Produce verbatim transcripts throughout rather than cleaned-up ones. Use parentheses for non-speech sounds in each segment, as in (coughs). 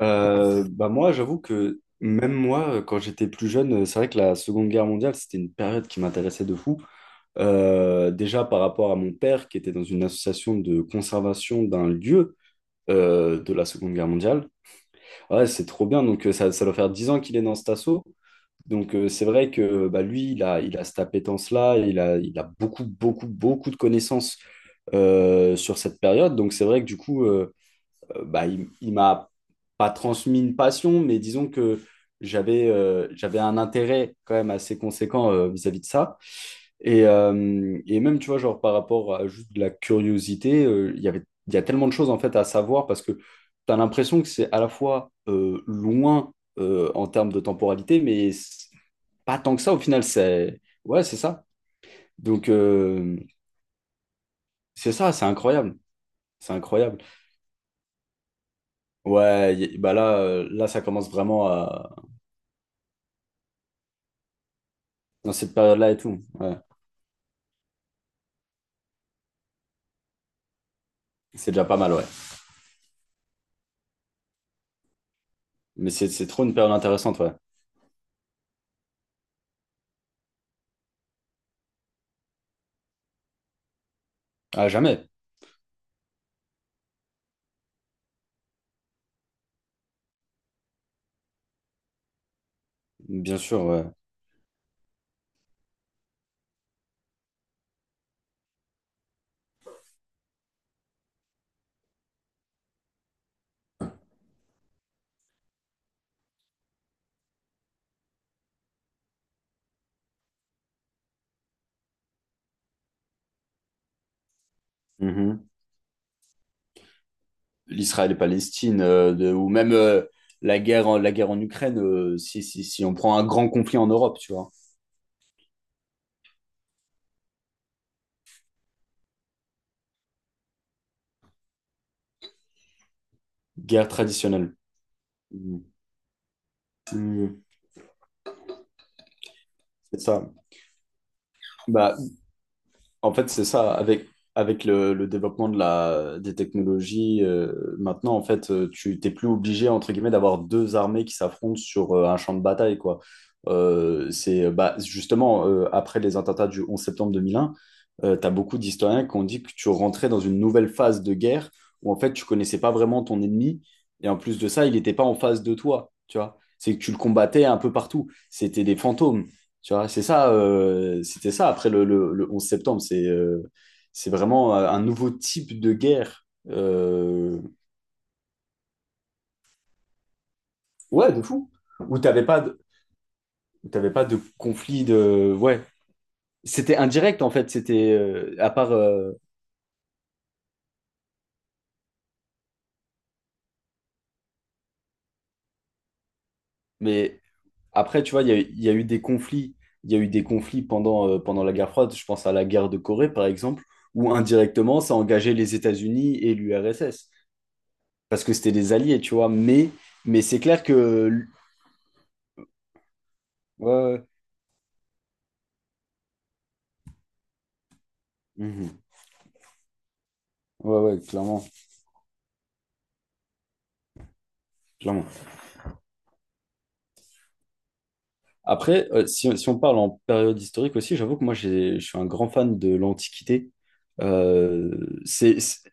Euh, bah moi, j'avoue que même moi, quand j'étais plus jeune, c'est vrai que la Seconde Guerre mondiale, c'était une période qui m'intéressait de fou. Euh, déjà par rapport à mon père, qui était dans une association de conservation d'un lieu euh, de la Seconde Guerre mondiale. Ouais, c'est trop bien. Donc euh, ça, ça doit faire dix ans qu'il est dans cet assaut. Donc euh, c'est vrai que bah, lui, il a, il a cette appétence-là, il a, il a beaucoup, beaucoup, beaucoup de connaissances euh, sur cette période. Donc c'est vrai que du coup... euh, euh, bah, il, il m'a pas transmis une passion, mais disons que j'avais euh, j'avais un intérêt quand même assez conséquent euh, vis-à-vis de ça. Et, euh, et même, tu vois, genre par rapport à juste de la curiosité, euh, il y avait, il y a tellement de choses en fait à savoir parce que tu as l'impression que c'est à la fois euh, loin euh, en termes de temporalité, mais c'est pas tant que ça au final. C'est ouais, c'est ça. Donc, euh, c'est ça, c'est incroyable. C'est incroyable. Ouais, y- bah là, euh, là, ça commence vraiment à dans cette période-là et tout, ouais. C'est déjà pas mal, ouais. Mais c'est c'est trop une période intéressante, ouais. À jamais, bien sûr, ouais. Mhm. L'Israël et Palestine, euh, de- ou même, euh, la guerre en, la guerre en Ukraine, euh, si, si, si on prend un grand conflit en Europe, tu vois. Guerre traditionnelle. Mhm. Mhm. C'est ça. Bah, en fait, c'est ça, avec, avec le, le développement de la, des technologies, euh, maintenant, en fait, euh, tu t'es plus obligé, entre guillemets, d'avoir deux armées qui s'affrontent sur euh, un champ de bataille, quoi. Euh, c'est bah, justement, euh, après les attentats du onze septembre deux mille un, euh, tu as beaucoup d'historiens qui ont dit que tu rentrais dans une nouvelle phase de guerre où, en fait, tu connaissais pas vraiment ton ennemi, et en plus de ça, il n'était pas en face de toi, tu vois. C'est que tu le combattais un peu partout. C'était des fantômes. Tu vois, c'est ça, euh, c'était ça après le, le- le onze septembre. C'est euh, c'est vraiment euh, un nouveau type de guerre. Euh, ouais, de fou. Où t'avais pas de, où t'avais pas de conflit de. Ouais. C'était indirect en fait. C'était euh, à part. Euh, mais après, tu vois, il y a, il y a eu des conflits. Il y a eu des conflits pendant, euh, pendant la guerre froide. Je pense à la guerre de Corée, par exemple, où indirectement, ça engageait les États-Unis et l'U R S S. Parce que c'était des alliés, tu vois. Mais, mais c'est clair que. Ouais, ouais. Mhm. Ouais, ouais, clairement, clairement. Après, euh, si, si on parle en période historique aussi, j'avoue que moi, j'ai- je suis un grand fan de l'Antiquité. Euh, c'est, c'est-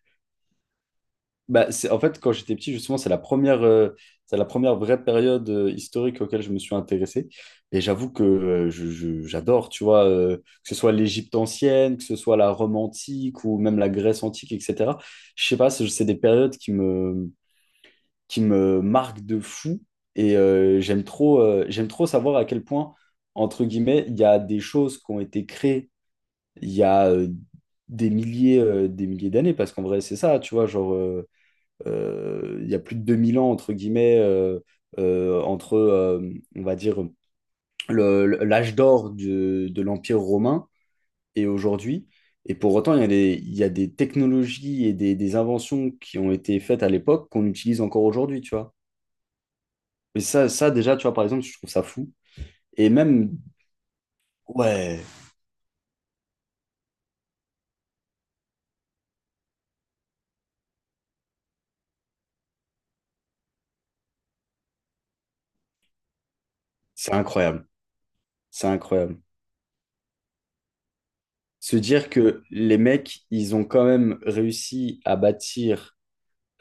Bah, c'est, en fait, quand j'étais petit, justement, c'est la première, euh, c'est la première vraie période euh, historique auquel je me suis intéressé. Et j'avoue que euh, je- je- j'adore, tu vois, euh, que ce soit l'Égypte ancienne, que ce soit la Rome antique ou même la Grèce antique, et cetera. Je sais pas, c'est c'est des périodes qui me, qui me marque de fou. Et euh, j'aime trop, euh, j'aime trop savoir à quel point, entre guillemets, il y a des choses qui ont été créées il y a euh, des milliers, euh, des milliers d'années. Parce qu'en vrai, c'est ça, tu vois, genre, euh, euh, il y a plus de deux mille ans, entre guillemets, euh, euh, entre, euh, on va dire, le- le- l'âge d'or de, de l'Empire romain et aujourd'hui. Et pour autant, il y a des, il y a des technologies et des, des inventions qui ont été faites à l'époque qu'on utilise encore aujourd'hui, tu vois. Mais ça, ça, déjà, tu vois, par exemple, je trouve ça fou. Et même, ouais, c'est incroyable. C'est incroyable. Se dire que les mecs, ils ont quand même réussi à bâtir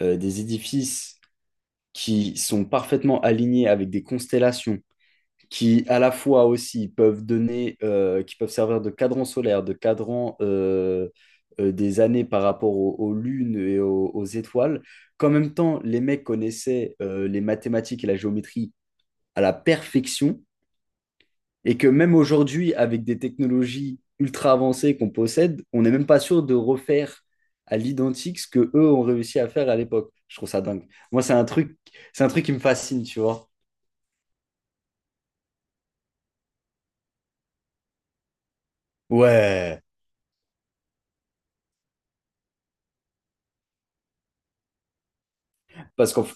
euh, des édifices qui sont parfaitement alignés avec des constellations, qui à la fois aussi peuvent donner, euh, qui peuvent servir de cadran solaire, de cadran euh, euh, des années par rapport aux, aux lunes et aux, aux étoiles, qu'en même temps, les mecs connaissaient euh, les mathématiques et la géométrie à la perfection. Et que même aujourd'hui, avec des technologies ultra avancées qu'on possède, on n'est même pas sûr de refaire à l'identique ce que eux ont réussi à faire à l'époque. Je trouve ça dingue. Moi, c'est un truc, c'est un truc qui me fascine, tu vois. Ouais. Parce qu'en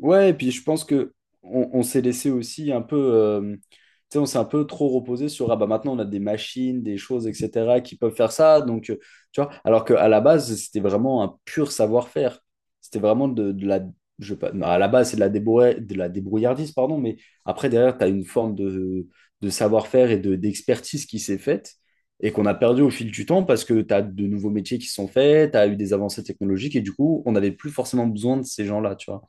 Ouais, et puis je pense que on, on s'est laissé aussi un peu, euh, tu sais, on s'est un peu trop reposé sur ah bah maintenant on a des machines, des choses, et cetera qui peuvent faire ça, donc euh, tu vois. Alors qu'à la base c'était vraiment un pur savoir-faire. C'était vraiment de, de la, je sais pas, non, à la base c'est de la débrouille, de la débrouillardise pardon, mais après derrière tu as une forme de, de savoir-faire et de d'expertise qui s'est faite et qu'on a perdu au fil du temps parce que tu as de nouveaux métiers qui se sont faits, tu as eu des avancées technologiques et du coup on n'avait plus forcément besoin de ces gens-là, tu vois.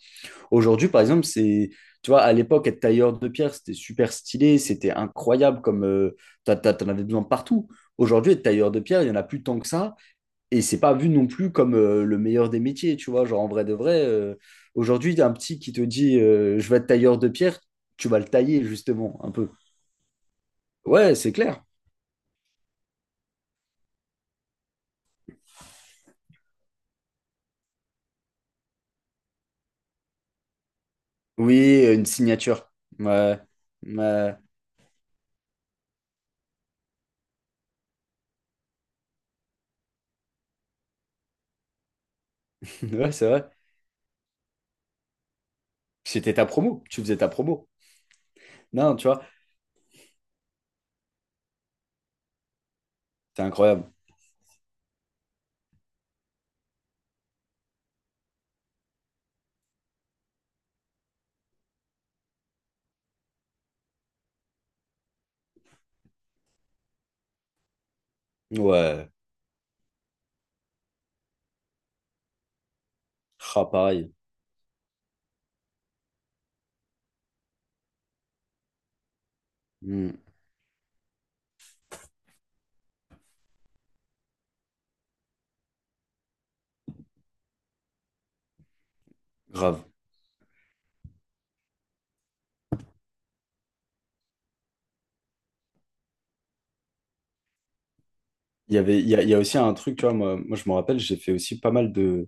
Aujourd'hui, par exemple, c'est, tu vois, à l'époque, être tailleur de pierre, c'était super stylé, c'était incroyable comme euh, t'as- t'as- t'en avais besoin partout. Aujourd'hui, être tailleur de pierre, il n'y en a plus tant que ça, et c'est pas vu non plus comme euh, le meilleur des métiers, tu vois. Genre, en vrai de vrai, euh, aujourd'hui, il y a un petit qui te dit euh, je vais être tailleur de pierre, tu vas le tailler, justement, un peu. Ouais, c'est clair. Oui, une signature. Ouais, ouais, (laughs) ouais, c'est vrai. C'était ta promo, tu faisais ta promo. Non, tu vois, c'est incroyable. Ouais, ah, pareil. Hmm. Grave. Il y avait, il y a, il y a aussi un truc, tu vois, moi, moi je me rappelle, j'ai fait aussi pas mal de,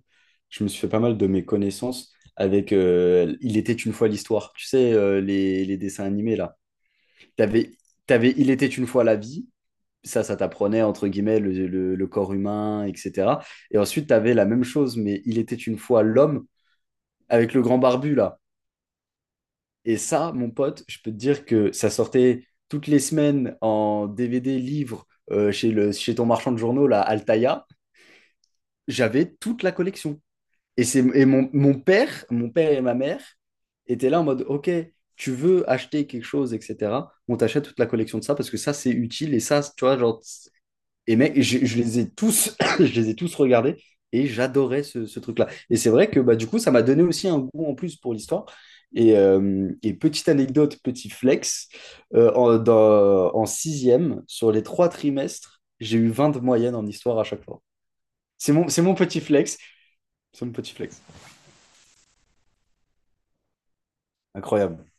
je me suis fait pas mal de mes connaissances avec euh, Il était une fois l'histoire, tu sais, euh, les, les dessins animés là. T'avais, t'avais Il était une fois la vie, ça, ça t'apprenait entre guillemets le, le- le corps humain, et cetera. Et ensuite, t'avais la même chose, mais Il était une fois l'homme avec le grand barbu là. Et ça, mon pote, je peux te dire que ça sortait toutes les semaines en D V D, livre, euh, chez le, chez ton marchand de journaux là, Altaïa. J'avais toute la collection. Et, c'est, et mon, mon père, mon père et ma mère étaient là en mode, OK, tu veux acheter quelque chose, et cetera. On t'achète toute la collection de ça parce que ça, c'est utile. Et ça, tu vois, genre, et mec, je, je les ai tous, (coughs) je les ai tous regardés et j'adorais ce, ce truc-là. Et c'est vrai que bah, du coup, ça m'a donné aussi un goût en plus pour l'histoire. Et, euh, et petite anecdote, petit flex, euh, en, dans- en sixième, sur les trois trimestres, j'ai eu vingt de moyenne en histoire à chaque fois. C'est mon, c'est mon petit flex. Son petit flex. Incroyable.